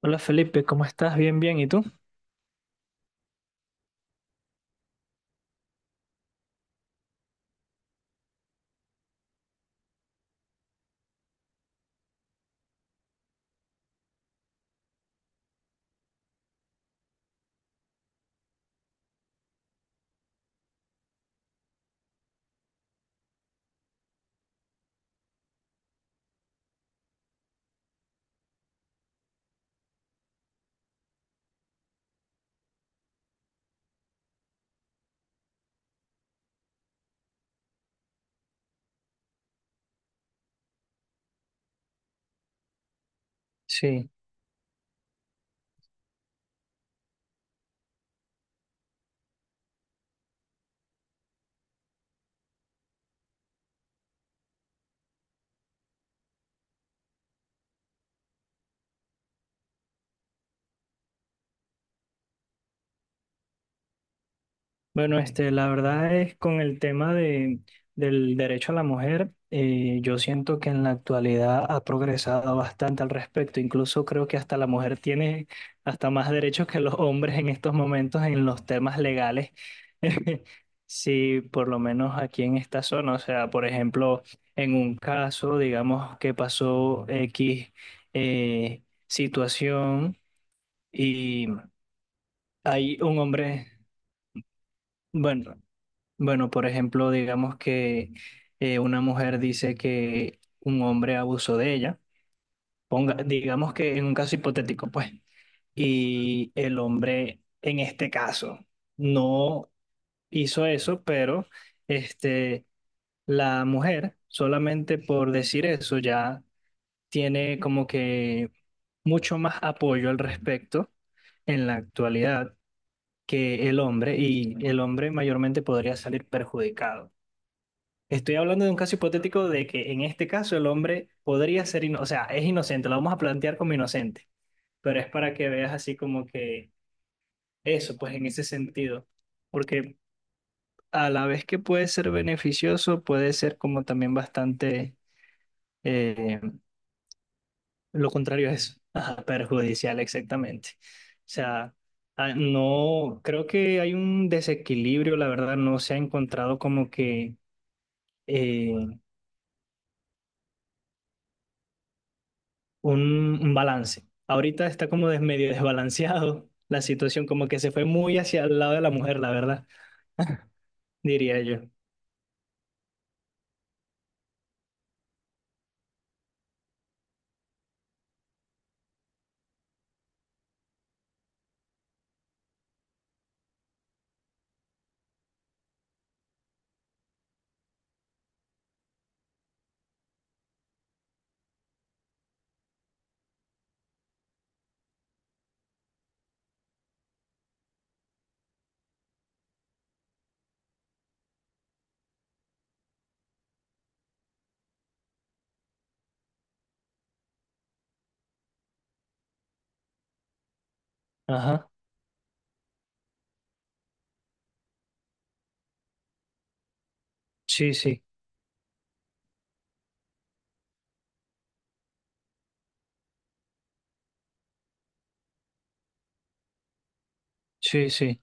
Hola Felipe, ¿cómo estás? Bien, bien. ¿Y tú? Sí. Bueno, la verdad es con el tema del derecho a la mujer, yo siento que en la actualidad ha progresado bastante al respecto. Incluso creo que hasta la mujer tiene hasta más derechos que los hombres en estos momentos en los temas legales. Sí, por lo menos aquí en esta zona. O sea, por ejemplo, en un caso, digamos, que pasó X situación. Hay un hombre, bueno, bueno, por ejemplo, digamos que una mujer dice que un hombre abusó de ella, ponga, digamos que en un caso hipotético, pues, y el hombre en este caso no hizo eso, pero este, la mujer solamente por decir eso ya tiene como que mucho más apoyo al respecto en la actualidad que el hombre, y el hombre mayormente podría salir perjudicado. Estoy hablando de un caso hipotético de que en este caso el hombre podría ser, o sea, es inocente, lo vamos a plantear como inocente, pero es para que veas así como que eso, pues en ese sentido, porque a la vez que puede ser beneficioso, puede ser como también bastante... eh, Lo contrario es ajá, perjudicial, exactamente. O sea, ah, no, creo que hay un desequilibrio, la verdad, no se ha encontrado como que eh, un, un balance. Ahorita está como medio desbalanceado la situación, como que se fue muy hacia el lado de la mujer, la verdad, diría yo. Ajá, sí, sí, sí, sí,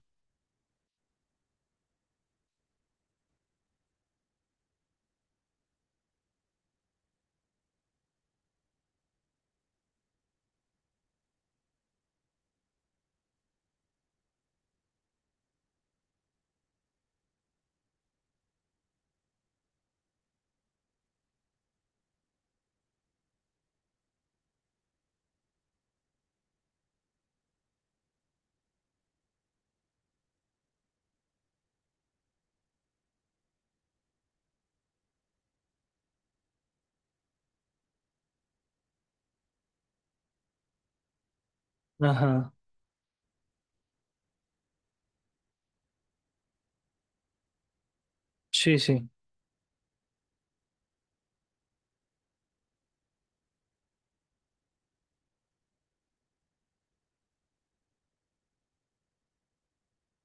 ajá, sí, sí.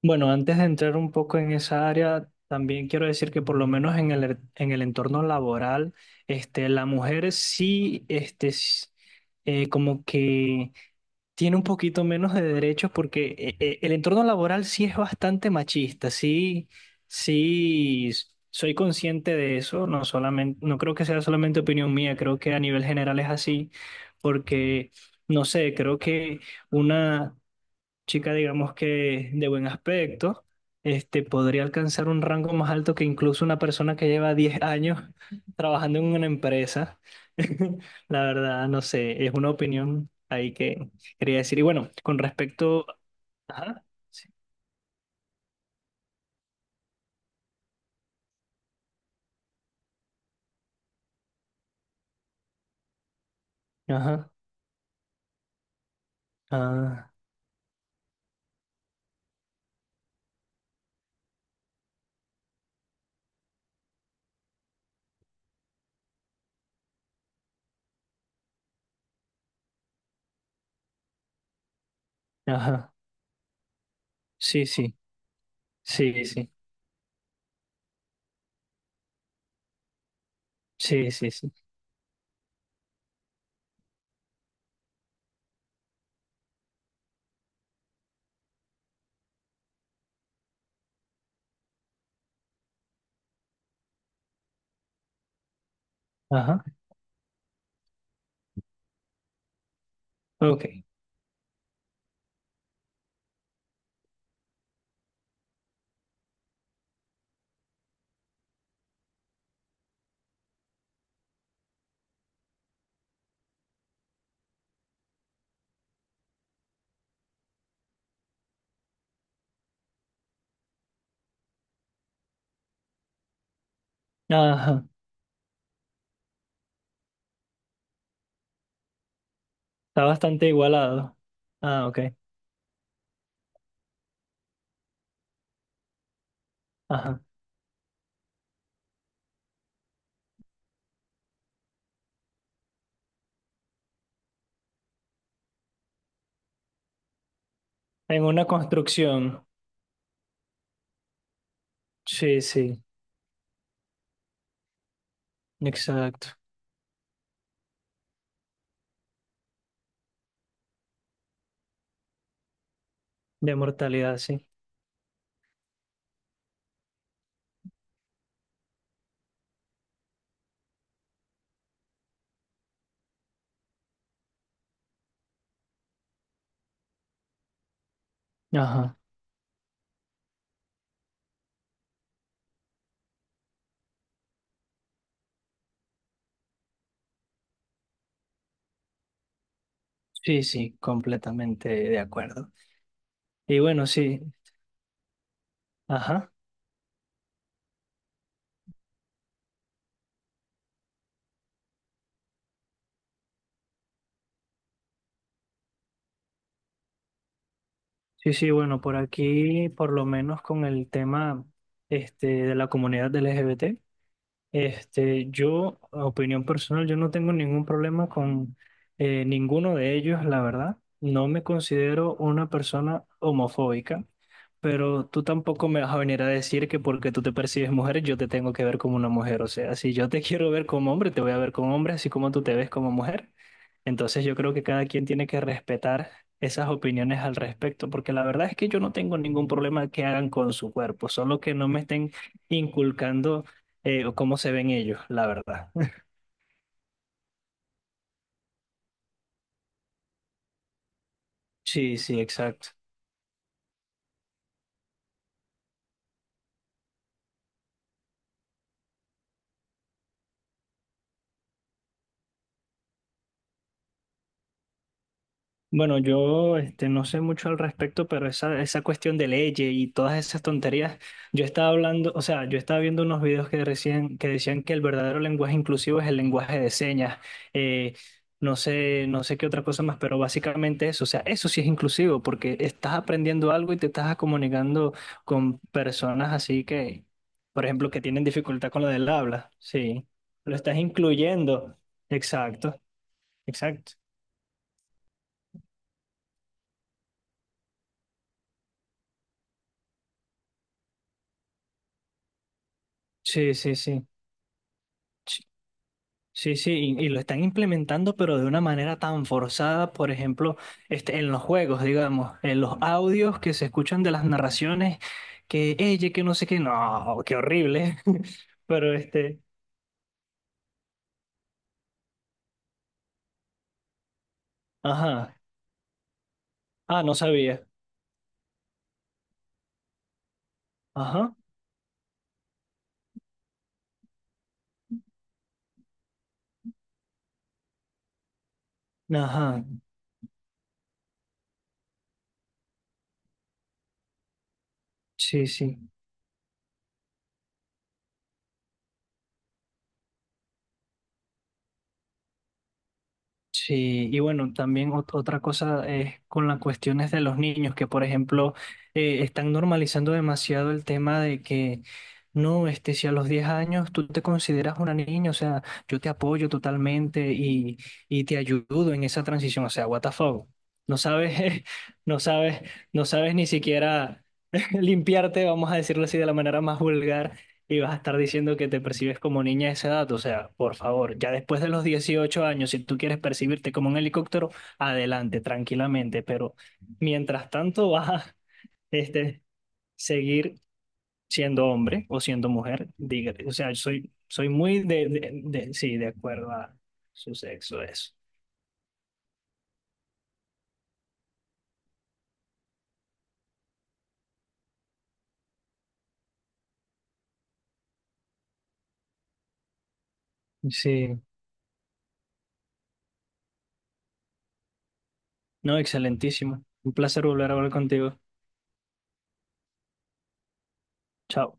Bueno, antes de entrar un poco en esa área, también quiero decir que por lo menos en el entorno laboral, la mujer sí, como que tiene un poquito menos de derechos porque el entorno laboral sí es bastante machista, sí, sí, s- soy consciente de eso, no solamente, no creo que sea solamente opinión mía, creo que a nivel general es así, porque, no sé, creo que una chica, digamos que de buen aspecto, podría alcanzar un rango más alto que incluso una persona que lleva 10 años trabajando en una empresa. La verdad, no sé, es una opinión ahí que quería decir. Y bueno, con respecto... Ajá, sí, ajá, ah, ajá, sí, sí, sí, sí, sí, sí, sí, ajá, ok, ajá, está bastante igualado. Ah, ok, ajá, en una construcción, sí, sí, exacto. De mortalidad, sí. Ajá. Sí, sí, completamente de acuerdo. Y bueno, sí, ajá. Sí, sí, bueno, por aquí, por lo menos con el tema de la comunidad del LGBT. Este, yo, a opinión personal, yo no tengo ningún problema con ninguno de ellos, la verdad. No me considero una persona homofóbica, pero tú tampoco me vas a venir a decir que porque tú te percibes mujer, yo te tengo que ver como una mujer. O sea, si yo te quiero ver como hombre, te voy a ver como hombre, así como tú te ves como mujer. Entonces yo creo que cada quien tiene que respetar esas opiniones al respecto, porque la verdad es que yo no tengo ningún problema que hagan con su cuerpo, solo que no me estén inculcando o cómo se ven ellos, la verdad. Sí, sí, exacto. Bueno, yo no sé mucho al respecto, pero esa cuestión de leyes y todas esas tonterías, yo estaba hablando, o sea, yo estaba viendo unos videos que decían que el verdadero lenguaje inclusivo es el lenguaje de señas, eh, no sé, no sé qué otra cosa más, pero básicamente eso, o sea, eso sí es inclusivo, porque estás aprendiendo algo y te estás comunicando con personas así que, por ejemplo, que tienen dificultad con lo del habla, sí, lo estás incluyendo, exacto, exacto, sí, sí, sí. Sí, sí, y lo están implementando, pero de una manera tan forzada, por ejemplo, en los juegos, digamos, en los audios que se escuchan de las narraciones, que ella, que no sé qué, no, qué horrible. Pero ajá, ah, no sabía, ajá, ajá, sí, sí. Sí, y bueno, también otra cosa es con las cuestiones de los niños, que por ejemplo están normalizando demasiado el tema de que no, si a los 10 años tú te consideras una niña, o sea, yo te apoyo totalmente y te ayudo en esa transición, o sea, what the fuck, no sabes, no sabes, no sabes ni siquiera limpiarte, vamos a decirlo así de la manera más vulgar. Y vas a estar diciendo que te percibes como niña a esa edad, o sea, por favor, ya después de los 18 años, si tú quieres percibirte como un helicóptero, adelante, tranquilamente, pero mientras tanto vas a este, seguir siendo hombre o siendo mujer, dígate, o sea, soy muy de, sí, de acuerdo a su sexo, eso. Sí, no, excelentísimo. Un placer volver a hablar contigo. Chao.